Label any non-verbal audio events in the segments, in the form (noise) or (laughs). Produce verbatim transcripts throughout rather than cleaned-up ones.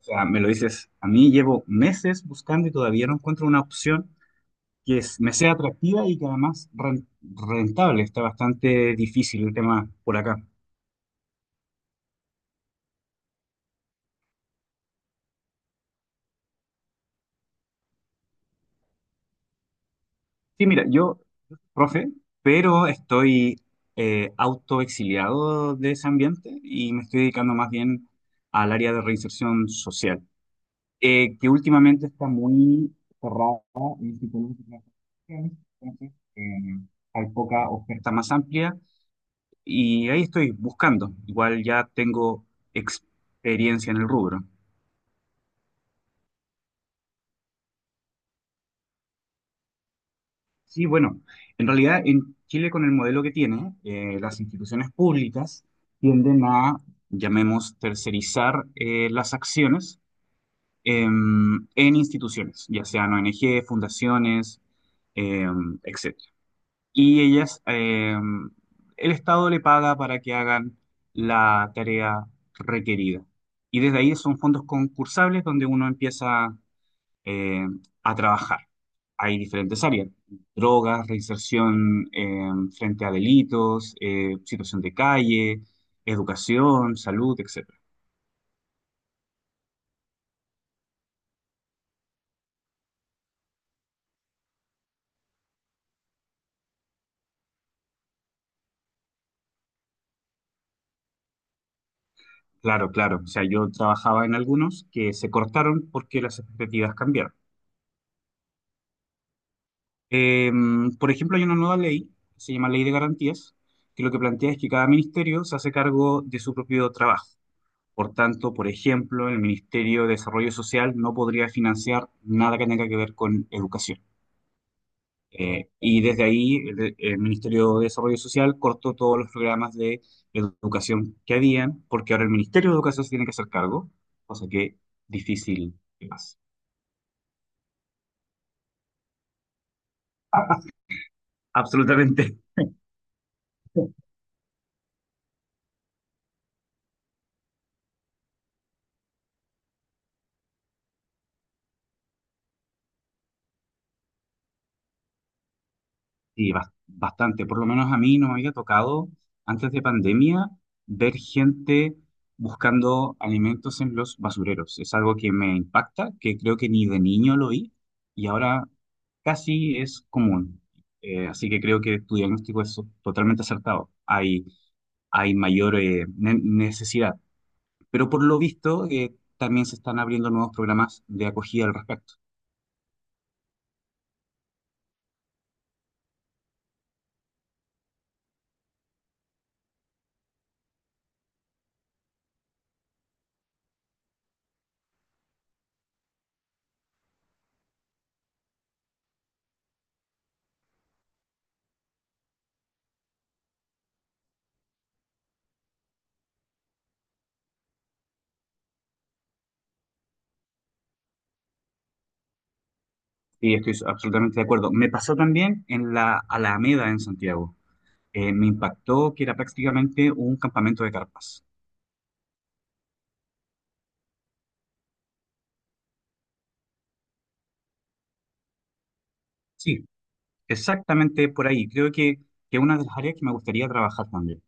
O sea, me lo dices, a mí llevo meses buscando y todavía no encuentro una opción que es- me sea atractiva y que además ren- rentable. Está bastante difícil el tema por acá. Sí, mira, yo, profe, pero estoy eh, autoexiliado de ese ambiente y me estoy dedicando más bien al área de reinserción social, eh, que últimamente está muy cerrada en psicólogos y psicológica. Entonces, eh, hay poca oferta más amplia. Y ahí estoy buscando. Igual ya tengo experiencia en el rubro. Sí, bueno, en realidad en Chile con el modelo que tiene, eh, las instituciones públicas tienden a, llamemos, tercerizar eh, las acciones em, en instituciones, ya sean O N G, fundaciones, etcétera Y ellas, eh, el Estado le paga para que hagan la tarea requerida. Y desde ahí son fondos concursables donde uno empieza eh, a trabajar. Hay diferentes áreas: drogas, reinserción eh, frente a delitos, eh, situación de calle, educación, salud, etcétera. Claro, claro. O sea, yo trabajaba en algunos que se cortaron porque las expectativas cambiaron. Em, por ejemplo, hay una nueva ley, se llama Ley de Garantías, que lo que plantea es que cada ministerio se hace cargo de su propio trabajo. Por tanto, por ejemplo, el Ministerio de Desarrollo Social no podría financiar nada que tenga que ver con educación. Eh, y desde ahí, el, el Ministerio de Desarrollo Social cortó todos los programas de educación que habían, porque ahora el Ministerio de Educación se tiene que hacer cargo, cosa que difícil es. Absolutamente. Sí, bas- bastante. Por lo menos a mí no me había tocado antes de pandemia ver gente buscando alimentos en los basureros. Es algo que me impacta, que creo que ni de niño lo vi, y ahora casi es común. Eh, así que creo que tu diagnóstico es totalmente acertado. Hay, hay mayor eh, ne- necesidad. Pero por lo visto, eh, también se están abriendo nuevos programas de acogida al respecto. Y estoy absolutamente de acuerdo. Me pasó también en la Alameda en Santiago. Eh, me impactó que era prácticamente un campamento de carpas. Sí, exactamente por ahí. Creo que es una de las áreas que me gustaría trabajar también.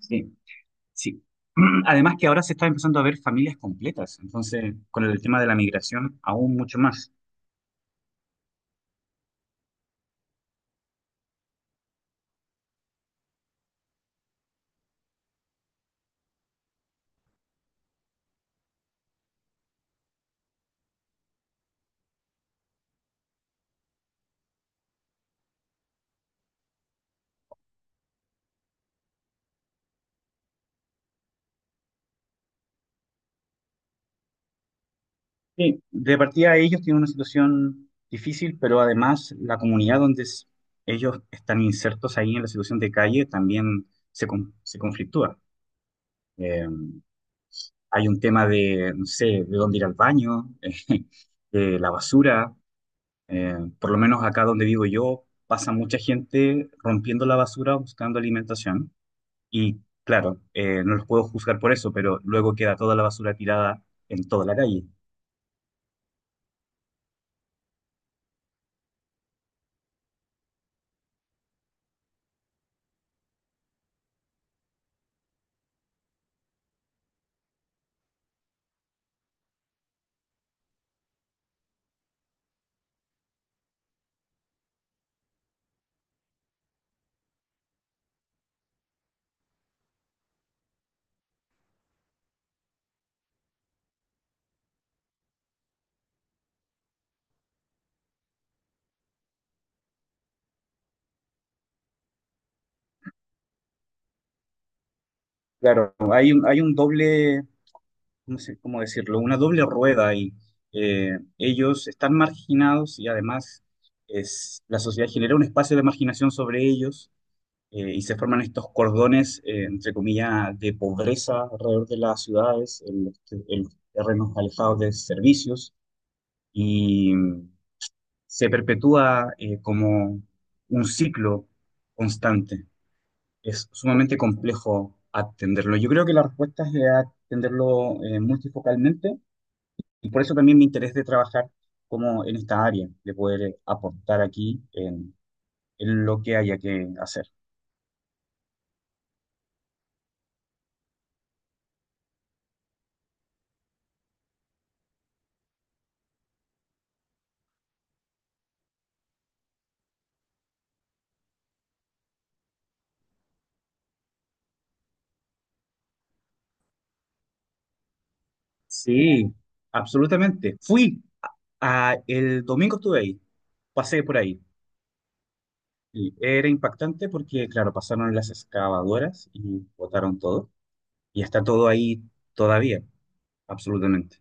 Sí, sí. (clears throat) Además, que ahora se está empezando a ver familias completas, entonces con el tema de la migración aún mucho más. Sí, de partida ellos tienen una situación difícil, pero además la comunidad donde s- ellos están insertos ahí en la situación de calle también se, con- se conflictúa. Eh, hay un tema de, no sé, de dónde ir al baño, (laughs) eh, de la basura. Eh, por lo menos acá donde vivo yo, pasa mucha gente rompiendo la basura buscando alimentación. Y claro, eh, no los puedo juzgar por eso, pero luego queda toda la basura tirada en toda la calle. Claro, hay un, hay un doble, no sé cómo decirlo, una doble rueda, y ellos están marginados, y además es, la sociedad genera un espacio de marginación sobre ellos, eh, y se forman estos cordones, eh, entre comillas, de pobreza alrededor de las ciudades, en los, te- en los terrenos alejados de servicios, y mm, se perpetúa eh, como un ciclo constante. Es sumamente complejo atenderlo. Yo creo que la respuesta es eh, atenderlo eh, multifocalmente, y por eso también mi interés de trabajar como en esta área, de poder eh, aportar aquí en en lo que haya que hacer. Sí, absolutamente. Fui a, a- el domingo estuve ahí, pasé por ahí. Y era impactante porque, claro, pasaron las excavadoras y botaron todo. Y está todo ahí todavía, absolutamente.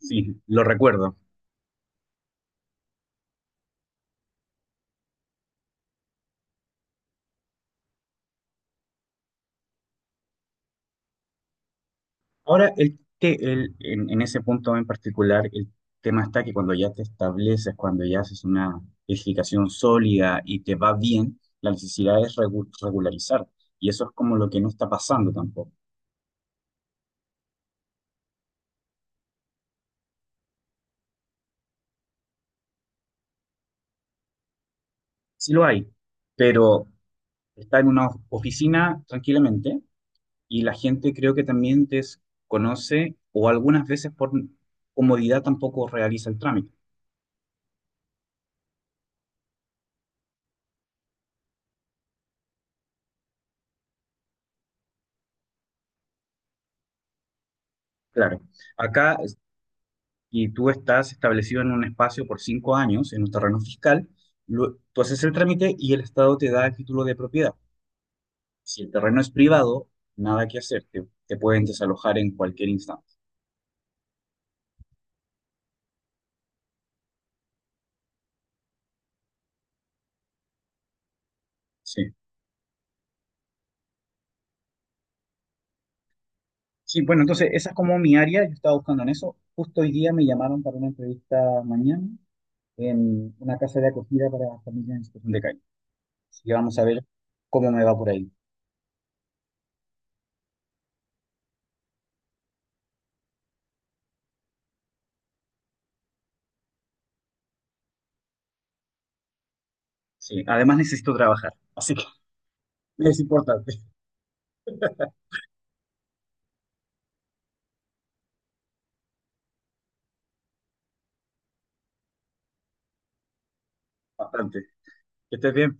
Sí, lo recuerdo. Ahora, el, te- el- en, en ese punto en particular, el tema está que cuando ya te estableces, cuando ya haces una edificación sólida y te va bien, la necesidad es regu- regularizar. Y eso es como lo que no está pasando tampoco. Sí lo hay, pero está en una oficina tranquilamente, y la gente creo que también desconoce o algunas veces por comodidad tampoco realiza el trámite. Claro, acá es- y tú estás establecido en un espacio por cinco años en un terreno fiscal, lo- tú haces el trámite y el Estado te da el título de propiedad. Si el terreno es privado, nada que hacer, te, te pueden desalojar en cualquier instante. Sí. Sí, bueno, entonces esa es como mi área, yo estaba buscando en eso. Justo hoy día me llamaron para una entrevista mañana en una casa de acogida para familias en situación de calle. Así que vamos a ver cómo me va por ahí. Sí, además necesito trabajar, así que (laughs) es importante, bastante. Que estés bien.